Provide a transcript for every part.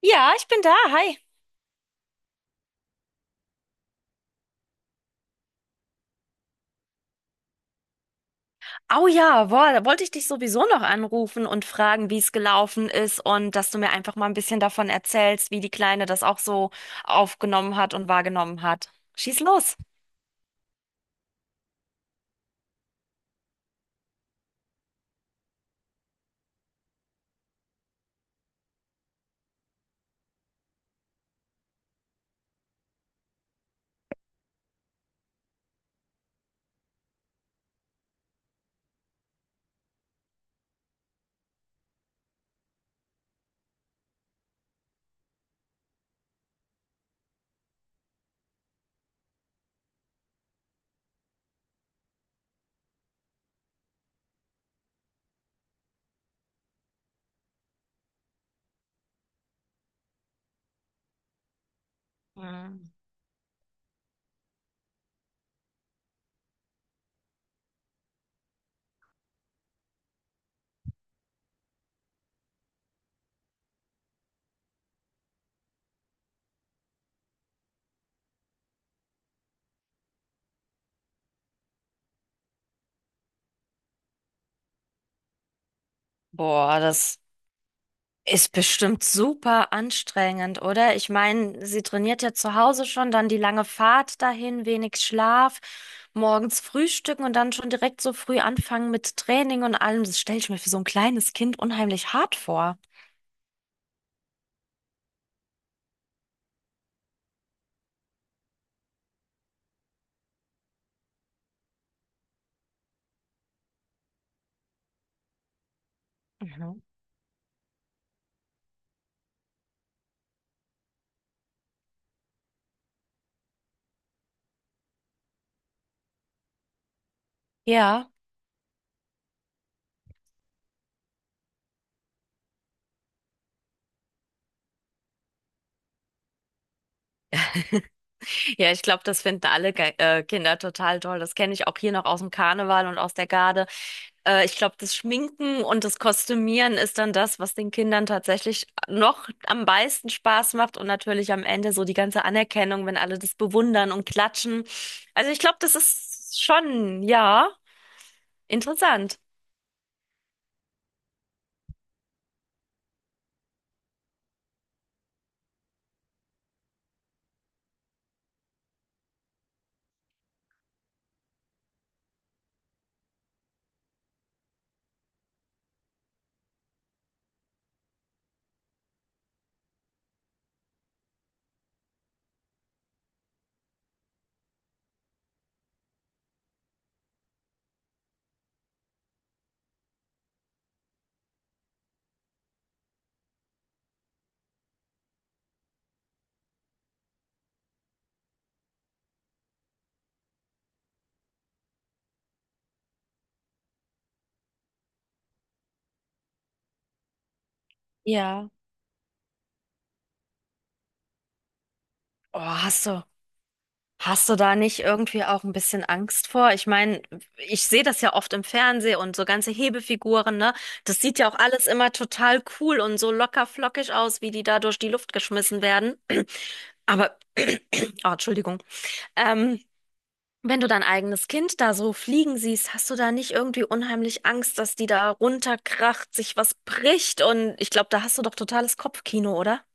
Ja, ich bin da. Hi. Oh ja, boah, da wollte ich dich sowieso noch anrufen und fragen, wie es gelaufen ist und dass du mir einfach mal ein bisschen davon erzählst, wie die Kleine das auch so aufgenommen hat und wahrgenommen hat. Schieß los. Mhm. Boah, das ist bestimmt super anstrengend, oder? Ich meine, sie trainiert ja zu Hause schon, dann die lange Fahrt dahin, wenig Schlaf, morgens frühstücken und dann schon direkt so früh anfangen mit Training und allem. Das stelle ich mir für so ein kleines Kind unheimlich hart vor. Mhm. Ja, ja, ich glaube, das finden alle Ge Kinder total toll. Das kenne ich auch hier noch aus dem Karneval und aus der Garde. Ich glaube, das Schminken und das Kostümieren ist dann das, was den Kindern tatsächlich noch am meisten Spaß macht und natürlich am Ende so die ganze Anerkennung, wenn alle das bewundern und klatschen. Also ich glaube, das ist schon, ja, interessant. Ja. Oh, hast du. Hast du da nicht irgendwie auch ein bisschen Angst vor? Ich meine, ich sehe das ja oft im Fernsehen und so ganze Hebefiguren, ne? Das sieht ja auch alles immer total cool und so locker flockig aus, wie die da durch die Luft geschmissen werden. Aber, oh, Entschuldigung. Ähm, Wenn du dein eigenes Kind da so fliegen siehst, hast du da nicht irgendwie unheimlich Angst, dass die da runterkracht, sich was bricht? Und ich glaube, da hast du doch totales Kopfkino, oder?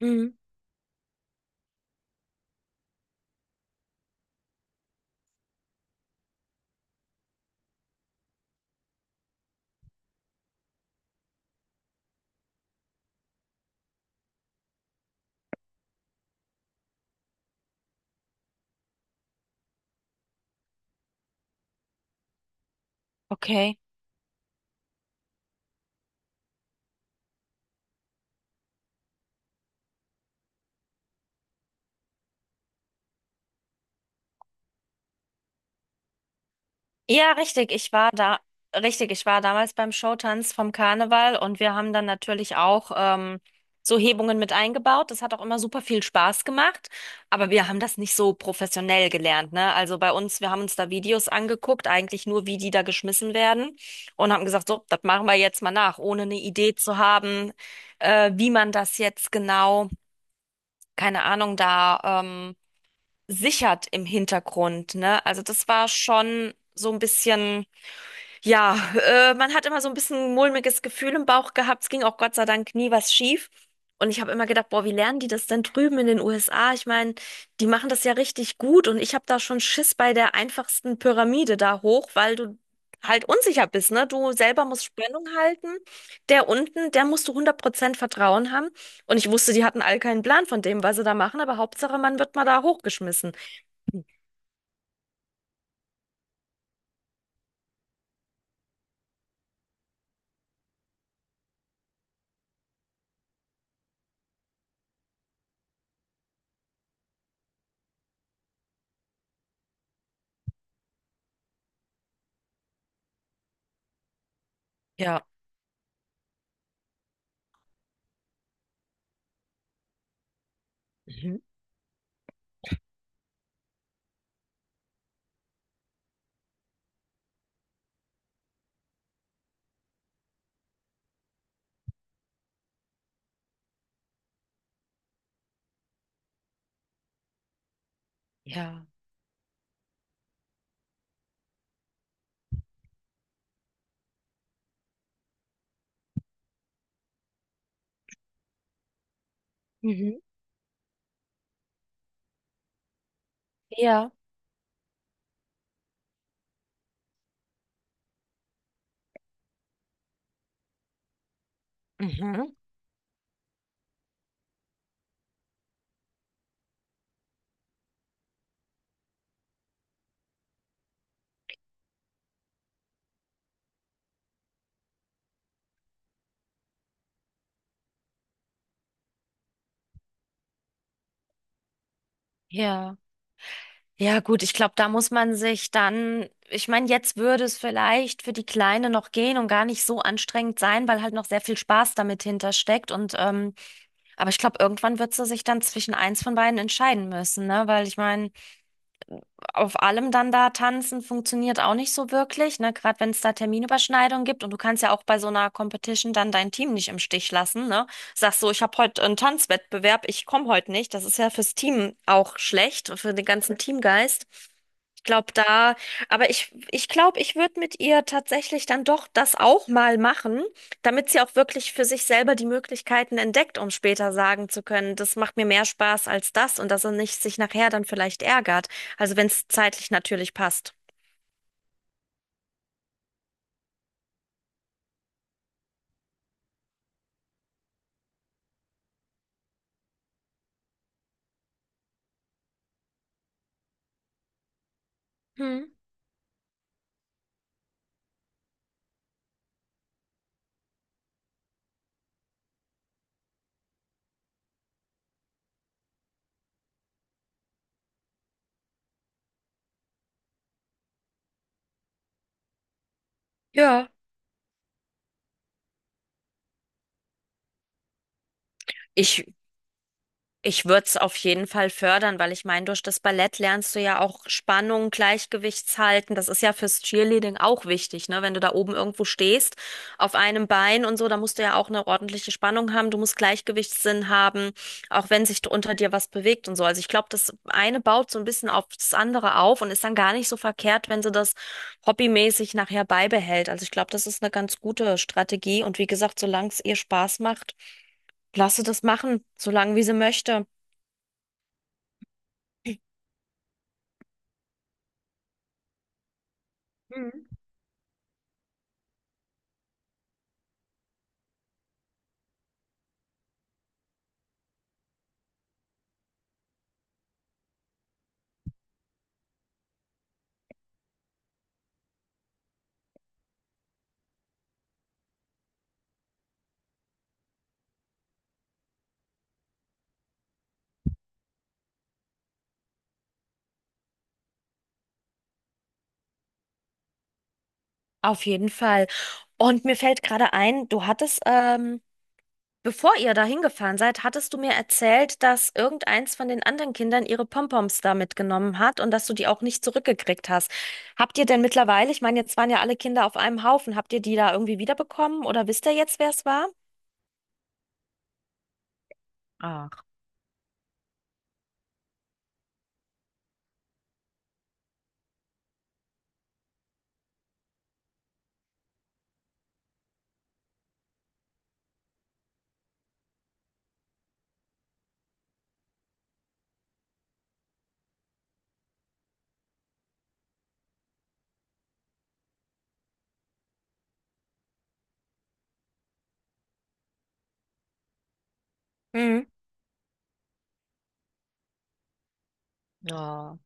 Mhm. Okay. Ja, richtig. Richtig. Ich war damals beim Showtanz vom Karneval und wir haben dann natürlich auch so Hebungen mit eingebaut. Das hat auch immer super viel Spaß gemacht, aber wir haben das nicht so professionell gelernt, ne? Also bei uns, wir haben uns da Videos angeguckt, eigentlich nur, wie die da geschmissen werden und haben gesagt, so, das machen wir jetzt mal nach, ohne eine Idee zu haben, wie man das jetzt genau, keine Ahnung, da sichert im Hintergrund, ne? Also das war schon so ein bisschen ja, man hat immer so ein bisschen mulmiges Gefühl im Bauch gehabt. Es ging auch Gott sei Dank nie was schief. Und ich habe immer gedacht, boah, wie lernen die das denn drüben in den USA? Ich meine, die machen das ja richtig gut und ich habe da schon Schiss bei der einfachsten Pyramide da hoch, weil du halt unsicher bist, ne? Du selber musst Spannung halten. Der unten, der musst du hundert Prozent Vertrauen haben. Und ich wusste, die hatten all keinen Plan von dem, was sie da machen, aber Hauptsache, man wird mal da hochgeschmissen. Ja. Mhm. Ja. Mhm. Ja. Mhm. Ja. Ja, gut, ich glaube, da muss man sich dann, ich meine, jetzt würde es vielleicht für die Kleine noch gehen und gar nicht so anstrengend sein, weil halt noch sehr viel Spaß damit hintersteckt. Und aber ich glaube, irgendwann wird sie sich dann zwischen eins von beiden entscheiden müssen, ne? Weil ich meine, auf allem dann da tanzen funktioniert auch nicht so wirklich, ne? Gerade wenn es da Terminüberschneidungen gibt und du kannst ja auch bei so einer Competition dann dein Team nicht im Stich lassen, ne? Sagst so, ich habe heute einen Tanzwettbewerb, ich komme heute nicht. Das ist ja fürs Team auch schlecht, für den ganzen Teamgeist glaub da, aber ich glaube, ich würde mit ihr tatsächlich dann doch das auch mal machen, damit sie auch wirklich für sich selber die Möglichkeiten entdeckt, um später sagen zu können, das macht mir mehr Spaß als das und dass er nicht sich nachher dann vielleicht ärgert. Also wenn es zeitlich natürlich passt. Hm. Ja, ich Ich würde es auf jeden Fall fördern, weil ich meine, durch das Ballett lernst du ja auch Spannung, Gleichgewichtshalten. Das ist ja fürs Cheerleading auch wichtig, ne? Wenn du da oben irgendwo stehst, auf einem Bein und so, da musst du ja auch eine ordentliche Spannung haben. Du musst Gleichgewichtssinn haben, auch wenn sich unter dir was bewegt und so. Also ich glaube, das eine baut so ein bisschen auf das andere auf und ist dann gar nicht so verkehrt, wenn sie das hobbymäßig nachher beibehält. Also ich glaube, das ist eine ganz gute Strategie. Und wie gesagt, solange es ihr Spaß macht, lasse das machen, solange wie sie möchte. Mhm. Auf jeden Fall. Und mir fällt gerade ein, du hattest, bevor ihr da hingefahren seid, hattest du mir erzählt, dass irgendeins von den anderen Kindern ihre Pompoms da mitgenommen hat und dass du die auch nicht zurückgekriegt hast. Habt ihr denn mittlerweile, ich meine, jetzt waren ja alle Kinder auf einem Haufen, habt ihr die da irgendwie wiederbekommen oder wisst ihr jetzt, wer es war? Ach, Mhm. Ja.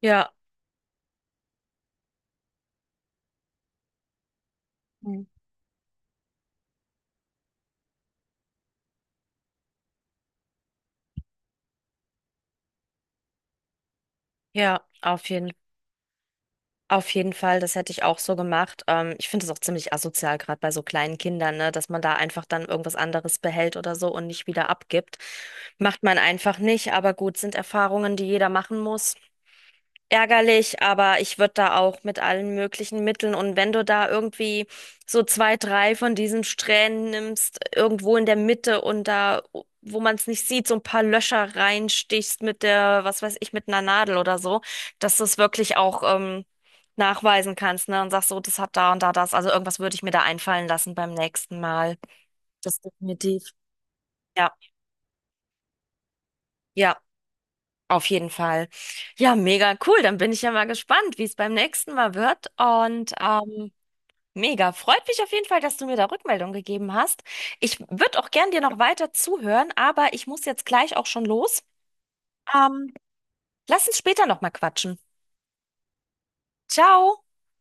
Ja, Mhm. Ja, auf jeden Fall, das hätte ich auch so gemacht. Ich finde es auch ziemlich asozial, gerade bei so kleinen Kindern, ne, dass man da einfach dann irgendwas anderes behält oder so und nicht wieder abgibt. Macht man einfach nicht, aber gut, sind Erfahrungen, die jeder machen muss, ärgerlich, aber ich würde da auch mit allen möglichen Mitteln, und wenn du da irgendwie so zwei, drei von diesen Strähnen nimmst, irgendwo in der Mitte und da, wo man es nicht sieht, so ein paar Löcher reinstichst mit der, was weiß ich, mit einer Nadel oder so, dass du es wirklich auch nachweisen kannst, ne? Und sagst so, das hat da und da das. Also irgendwas würde ich mir da einfallen lassen beim nächsten Mal. Das definitiv. Ja, ja. Auf jeden Fall. Ja, mega cool. Dann bin ich ja mal gespannt, wie es beim nächsten Mal wird. Und mega. Freut mich auf jeden Fall, dass du mir da Rückmeldung gegeben hast. Ich würde auch gern dir noch weiter zuhören, aber ich muss jetzt gleich auch schon los. Ähm, Lass uns später nochmal quatschen. Ciao.